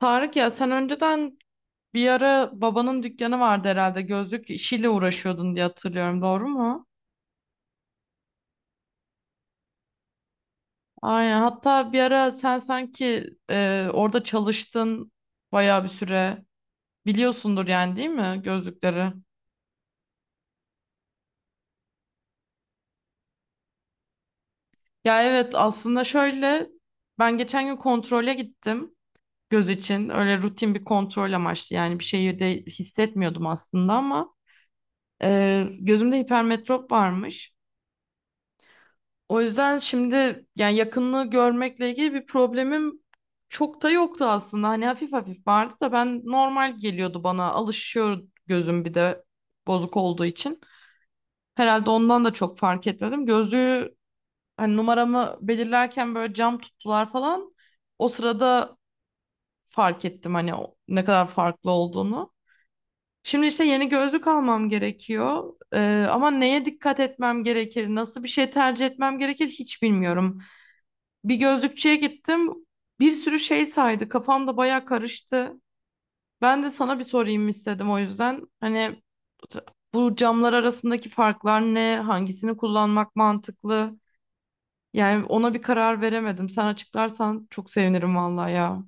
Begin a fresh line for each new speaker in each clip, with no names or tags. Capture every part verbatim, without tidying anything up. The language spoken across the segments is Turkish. Tarık ya, sen önceden bir ara babanın dükkanı vardı herhalde, gözlük işiyle uğraşıyordun diye hatırlıyorum, doğru mu? Aynen, hatta bir ara sen sanki e, orada çalıştın bayağı bir süre, biliyorsundur yani, değil mi, gözlükleri? Ya evet, aslında şöyle, ben geçen gün kontrole gittim, göz için, öyle rutin bir kontrol amaçlı. Yani bir şeyi de hissetmiyordum aslında ama e, gözümde hipermetrop varmış. O yüzden şimdi, yani yakınlığı görmekle ilgili bir problemim çok da yoktu aslında. Hani hafif hafif vardı da, ben normal geliyordu bana. Alışıyor gözüm, bir de bozuk olduğu için. Herhalde ondan da çok fark etmedim. Gözlüğü, hani numaramı belirlerken böyle cam tuttular falan. O sırada fark ettim hani o- ne kadar farklı olduğunu. Şimdi işte yeni gözlük almam gerekiyor. Ee, ama neye dikkat etmem gerekir, nasıl bir şey tercih etmem gerekir hiç bilmiyorum. Bir gözlükçüye gittim. Bir sürü şey saydı. Kafam da baya karıştı. Ben de sana bir sorayım istedim o yüzden. Hani bu camlar arasındaki farklar ne? Hangisini kullanmak mantıklı? Yani ona bir karar veremedim. Sen açıklarsan çok sevinirim vallahi ya.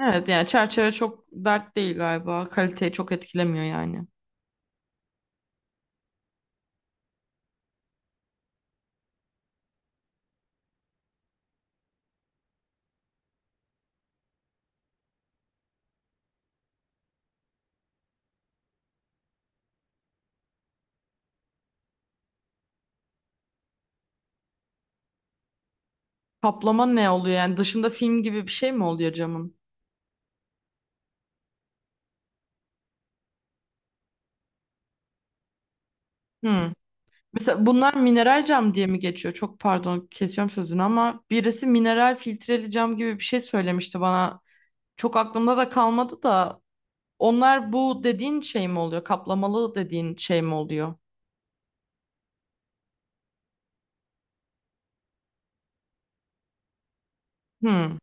Evet, yani çerçeve çok dert değil galiba. Kaliteyi çok etkilemiyor yani. Kaplama ne oluyor yani? Dışında film gibi bir şey mi oluyor camın? Hmm. Mesela bunlar mineral cam diye mi geçiyor? Çok pardon, kesiyorum sözünü ama birisi mineral filtreli cam gibi bir şey söylemişti bana. Çok aklımda da kalmadı da, onlar bu dediğin şey mi oluyor? Kaplamalı dediğin şey mi oluyor? Hmm,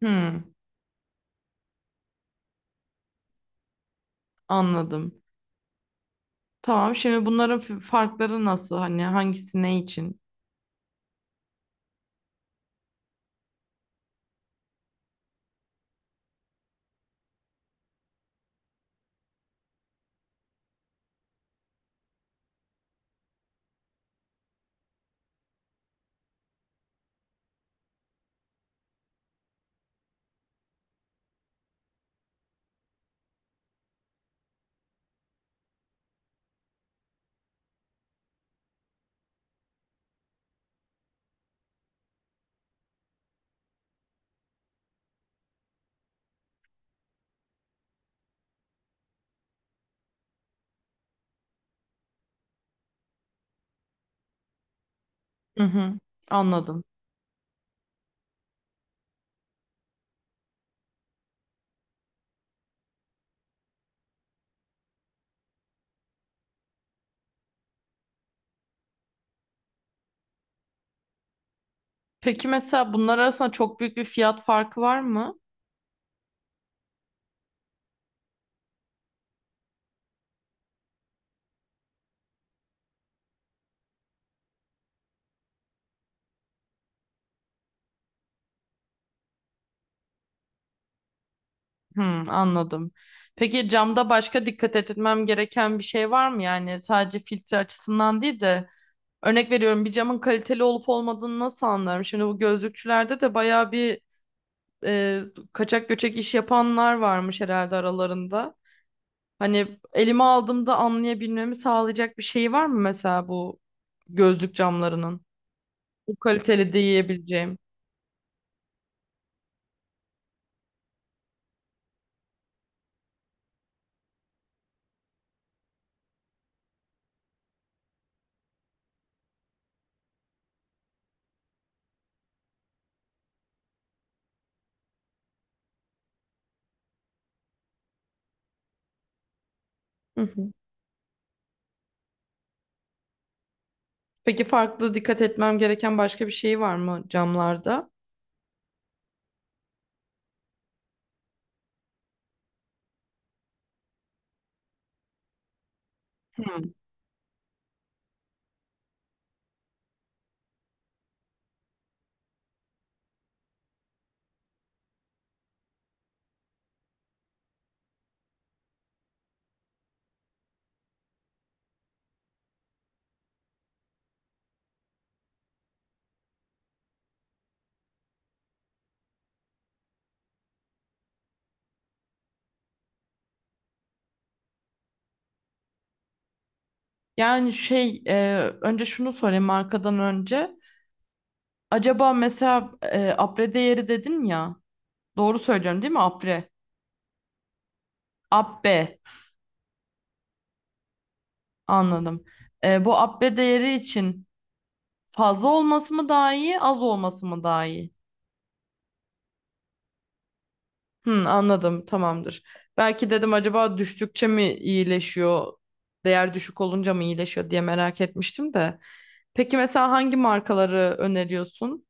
hmm, anladım. Tamam, şimdi bunların f- farkları nasıl? Hani hangisi ne için? Hı hı, anladım. Peki mesela bunlar arasında çok büyük bir fiyat farkı var mı? Hmm, anladım. Peki camda başka dikkat etmem gereken bir şey var mı? Yani sadece filtre açısından değil de, örnek veriyorum, bir camın kaliteli olup olmadığını nasıl anlarım? Şimdi bu gözlükçülerde de bayağı bir e, kaçak göçek iş yapanlar varmış herhalde aralarında. Hani elime aldığımda anlayabilmemi sağlayacak bir şey var mı mesela, bu gözlük camlarının? Bu kaliteli diyebileceğim. Hı hı. Peki farklı dikkat etmem gereken başka bir şey var mı camlarda? Yani şey, e, önce şunu sorayım markadan önce. Acaba mesela e, apre değeri dedin ya. Doğru söylüyorum değil mi, apre? Abbe, anladım. E, bu abbe değeri için fazla olması mı daha iyi, az olması mı daha iyi? Hı, anladım, tamamdır. Belki dedim acaba düştükçe mi iyileşiyor? Değer düşük olunca mı iyileşiyor diye merak etmiştim de. Peki mesela hangi markaları öneriyorsun?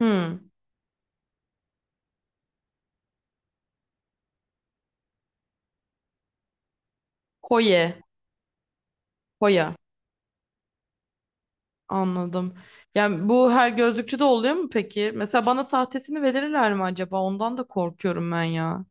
Hı, Koye. Koya. Anladım. Yani bu her gözlükçüde oluyor mu peki? Mesela bana sahtesini verirler mi acaba? Ondan da korkuyorum ben ya.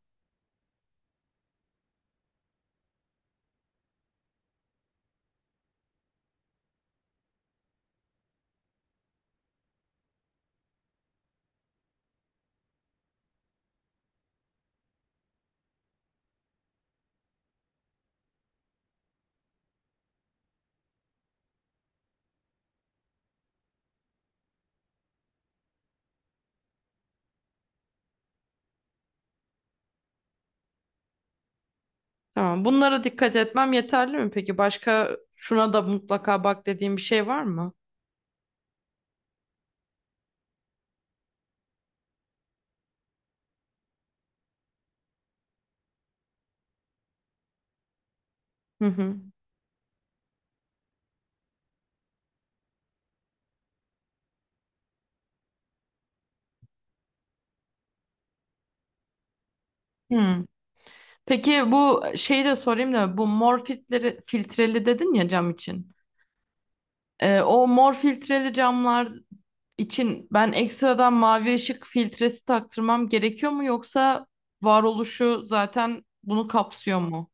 Tamam. Bunlara dikkat etmem yeterli mi peki? Başka şuna da mutlaka bak dediğim bir şey var mı? Hı hı. Hmm. Peki bu şeyi de sorayım da, bu mor filtreli, filtreli dedin ya cam için. Ee, o mor filtreli camlar için ben ekstradan mavi ışık filtresi taktırmam gerekiyor mu, yoksa varoluşu zaten bunu kapsıyor mu?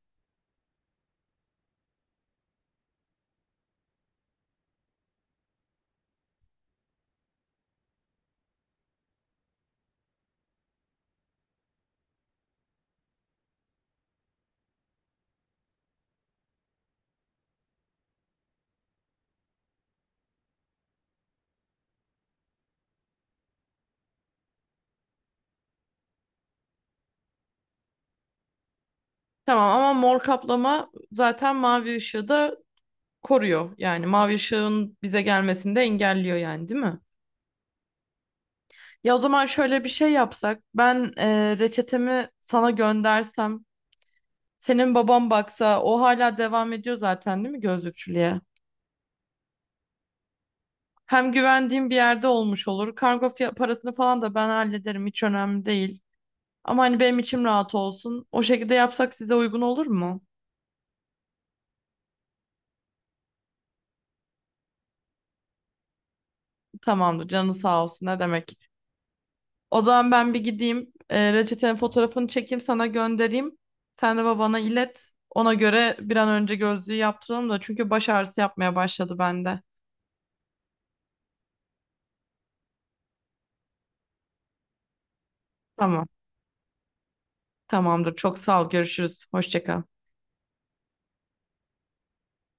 Tamam ama mor kaplama zaten mavi ışığı da koruyor. Yani mavi ışığın bize gelmesini de engelliyor yani, değil mi? Ya o zaman şöyle bir şey yapsak. Ben e, reçetemi sana göndersem. Senin babam baksa, o hala devam ediyor zaten değil mi gözlükçülüğe? Hem güvendiğim bir yerde olmuş olur. Kargo fiya- parasını falan da ben hallederim, hiç önemli değil. Ama hani benim içim rahat olsun. O şekilde yapsak size uygun olur mu? Tamamdır, canı sağ olsun, ne demek. O zaman ben bir gideyim. E, reçetenin fotoğrafını çekeyim sana göndereyim. Sen de babana ilet. Ona göre bir an önce gözlüğü yaptıralım da, çünkü baş ağrısı yapmaya başladı bende. Tamam. Tamamdır. Çok sağ ol. Görüşürüz. Hoşça kal.